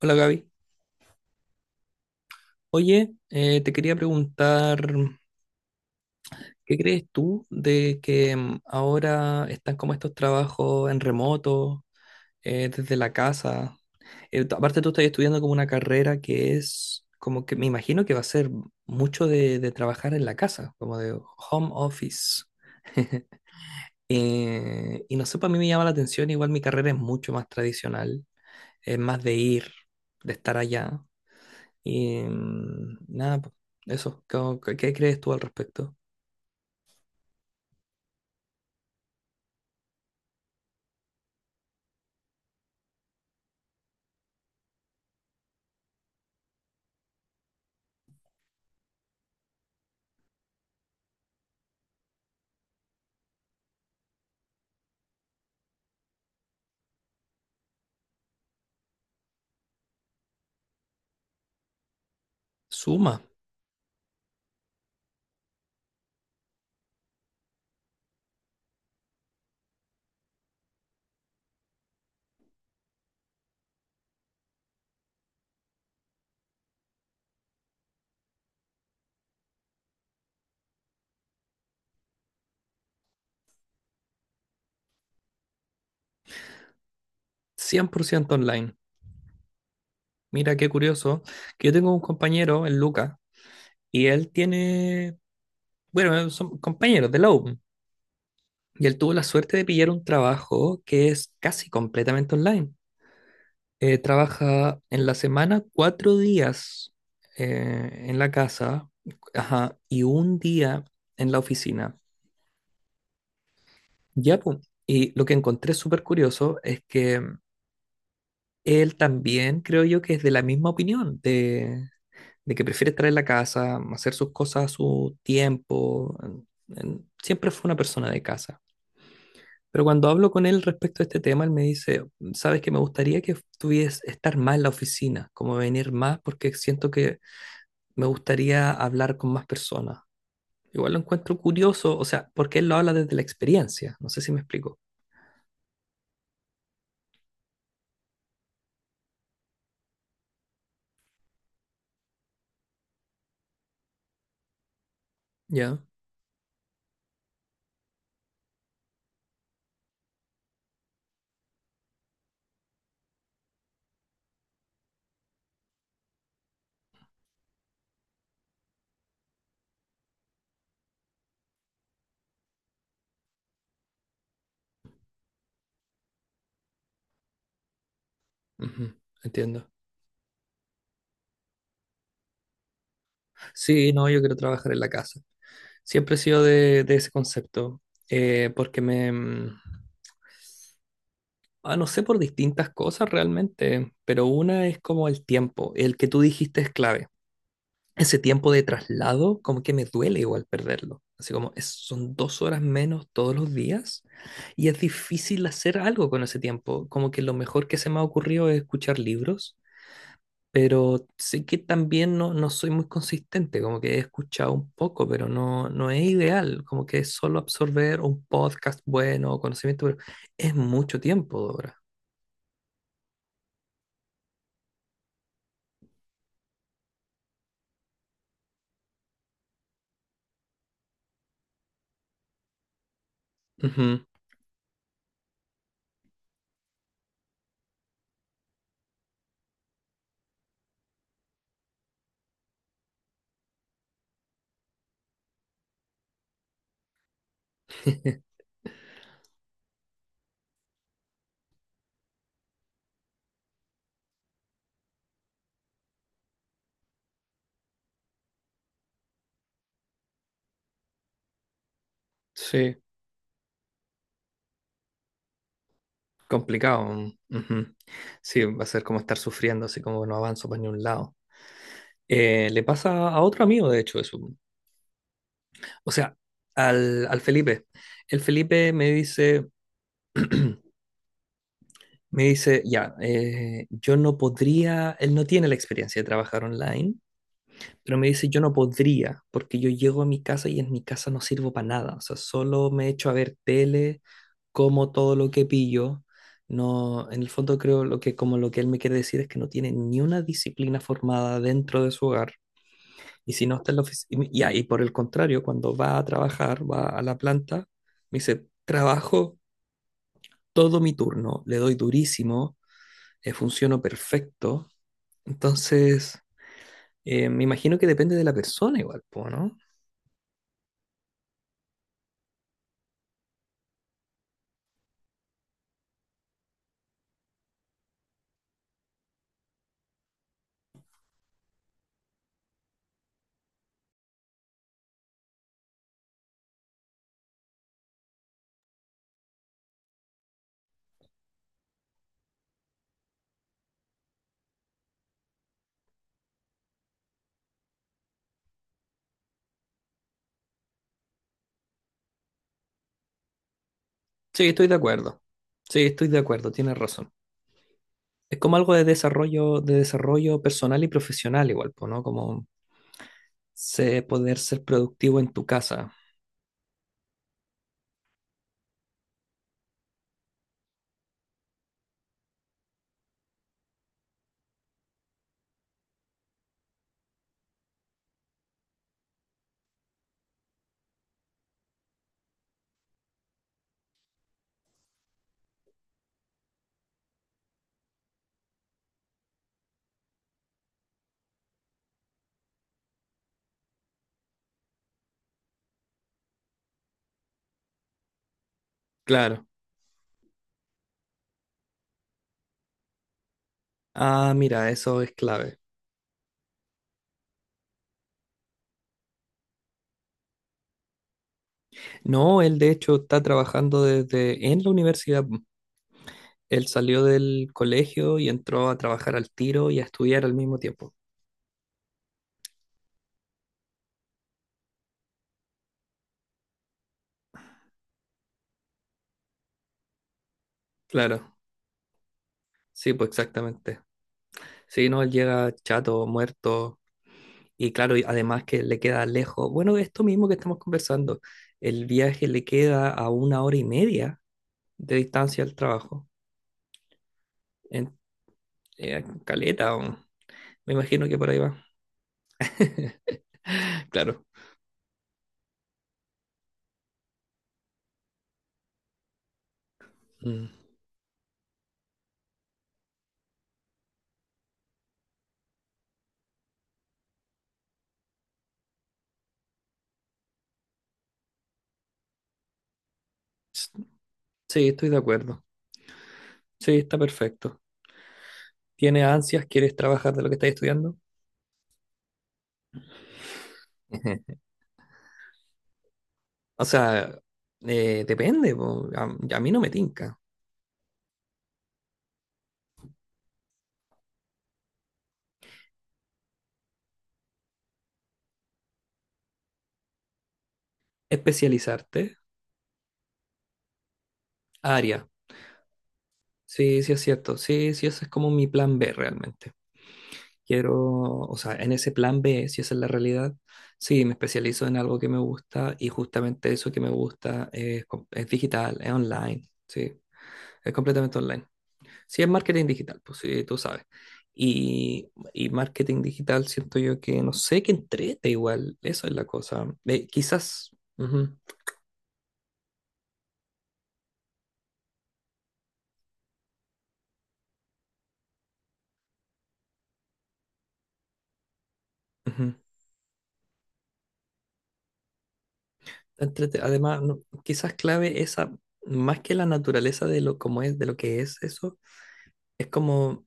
Hola Gaby. Oye, te quería preguntar, ¿qué crees tú de que ahora están como estos trabajos en remoto, desde la casa? Aparte tú estás estudiando como una carrera que es como que me imagino que va a ser mucho de trabajar en la casa, como de home office. Y no sé, para mí me llama la atención, igual mi carrera es mucho más tradicional, es más de ir, de estar allá. Y nada, po, eso, ¿qué, qué crees tú al respecto? Suma, cien por ciento online. Mira qué curioso, que yo tengo un compañero, el Luca, y él tiene, bueno, son compañeros de la U, y él tuvo la suerte de pillar un trabajo que es casi completamente online. Trabaja en la semana cuatro días en la casa, ajá, y un día en la oficina. Ya, po, y lo que encontré súper curioso es que él también creo yo que es de la misma opinión, de que prefiere estar en la casa, hacer sus cosas a su tiempo. Siempre fue una persona de casa. Pero cuando hablo con él respecto a este tema, él me dice, sabes que me gustaría que tuvies estar más en la oficina, como venir más, porque siento que me gustaría hablar con más personas. Igual lo encuentro curioso, o sea, porque él lo habla desde la experiencia. No sé si me explico. Ya. Ujú, entiendo. Sí, no, yo quiero trabajar en la casa. Siempre he sido de ese concepto, porque me... no sé por distintas cosas realmente, pero una es como el tiempo, el que tú dijiste es clave. Ese tiempo de traslado, como que me duele igual perderlo. Así como son dos horas menos todos los días y es difícil hacer algo con ese tiempo. Como que lo mejor que se me ha ocurrido es escuchar libros, pero sé que también no, no soy muy consistente, como que he escuchado un poco, pero no, no es ideal, como que es solo absorber un podcast bueno o conocimiento, pero es mucho tiempo, Dora. Ujú. Sí, complicado. Ujú. Sí, va a ser como estar sufriendo, así como no avanzo para ningún lado. Le pasa a otro amigo, de hecho, eso. O sea, al Felipe. El Felipe me dice, me dice, ya, yo no podría, él no tiene la experiencia de trabajar online, pero me dice, yo no podría, porque yo llego a mi casa y en mi casa no sirvo para nada, o sea, solo me echo a ver tele, como todo lo que pillo, no, en el fondo creo lo que, como lo que él me quiere decir es que no tiene ni una disciplina formada dentro de su hogar, y si no está en la oficina, y, y por el contrario, cuando va a trabajar, va a la planta, me dice, trabajo todo mi turno, le doy durísimo, funciono perfecto. Entonces, me imagino que depende de la persona igual, po, ¿no? Sí, estoy de acuerdo. Sí, estoy de acuerdo, tienes razón. Es como algo de desarrollo personal y profesional igual, po, ¿no? Como sé poder ser productivo en tu casa. Claro. Ah, mira, eso es clave. No, él de hecho está trabajando desde en la universidad. Él salió del colegio y entró a trabajar al tiro y a estudiar al mismo tiempo. Claro, sí, pues exactamente. Sí, no, él llega chato, muerto, y claro, y además que le queda lejos. Bueno, esto mismo que estamos conversando, el viaje le queda a una hora y media de distancia al trabajo, en, Caleta, me imagino que por ahí va. Claro. Mm. S- Sí, estoy de acuerdo. Sí, está perfecto. ¿Tienes ansias? ¿Quieres trabajar de lo que estás estudiando? O sea, depende, po. A mí no me tinca. Especializarte, área. Sí, sí es cierto. Sí, sí, ese es como mi plan B realmente. Quiero, o sea, en ese plan B, si esa es la realidad, sí, me especializo en algo que me gusta y justamente eso que me gusta es, es digital, es online, sí, es completamente online. Sí, es marketing digital, pues sí, tú sabes. Y marketing digital siento yo que no sé qué entrete igual, eso es la cosa. Quizás. Ujú, ujú. Además, quizás clave esa, más que la naturaleza de lo como es, de lo que es eso, es como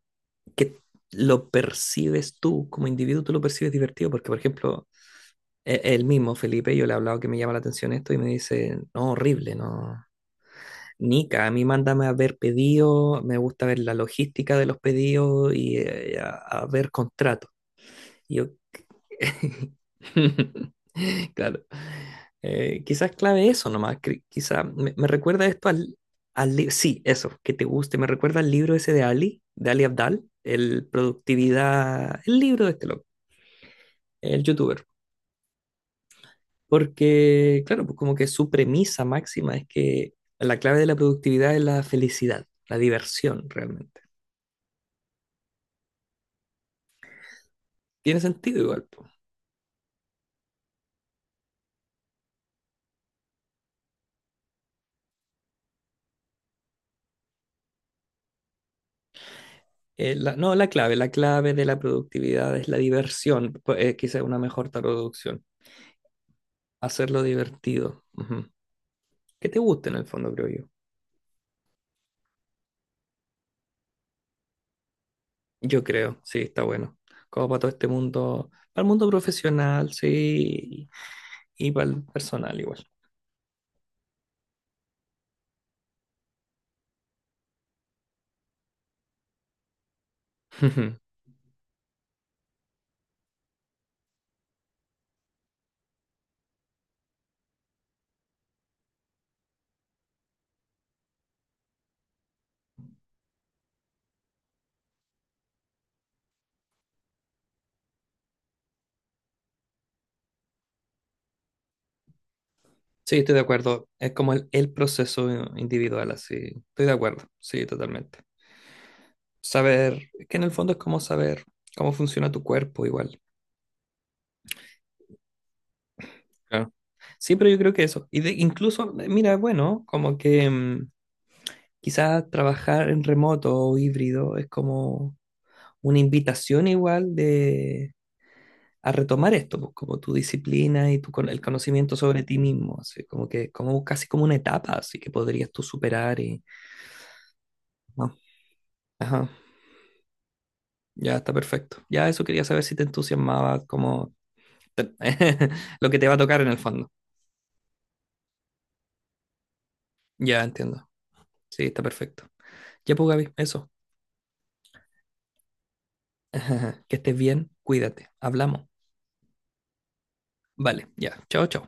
que lo percibes tú, como individuo tú lo percibes divertido, porque por ejemplo, el mismo Felipe, yo le he hablado que me llama la atención esto y me dice, no, horrible, no. Nica, a mí mándame a ver pedidos, me gusta ver la logística de los pedidos y a ver contratos. Y yo, claro. Quizás clave eso nomás. Quizás me, me recuerda esto al, sí, eso, que te guste. Me recuerda al libro ese de Ali Abdal, el productividad, el libro de este loco, el youtuber. Porque, claro, pues como que su premisa máxima es que la clave de la productividad es la felicidad, la diversión realmente. Tiene sentido igual, po. No, la clave de la productividad es la diversión, pues, quizás una mejor traducción. Hacerlo divertido. Ujú. Que te guste en el fondo, creo yo. Yo creo, sí, está bueno. Como para todo este mundo, para el mundo profesional, sí, y para el personal igual. Ujú. Sí, estoy de acuerdo. Es como el proceso individual, así. Estoy de acuerdo, sí, totalmente. Saber, es que en el fondo es como saber cómo funciona tu cuerpo igual. Claro. Sí, pero yo creo que eso. Y de, incluso, mira, bueno, como que quizás trabajar en remoto o híbrido es como una invitación igual de, a retomar esto, pues, como tu disciplina y tu, el conocimiento sobre ti mismo, así como que como casi como una etapa, así que podrías tú superar y... no, ajá, ya está perfecto. Ya eso quería saber si te entusiasmaba como te- lo que te va a tocar en el fondo. Ya entiendo. Sí, está perfecto. Ya pues, Gaby, eso. Que estés bien, cuídate. Hablamos. Vale, ya. Chao, chao.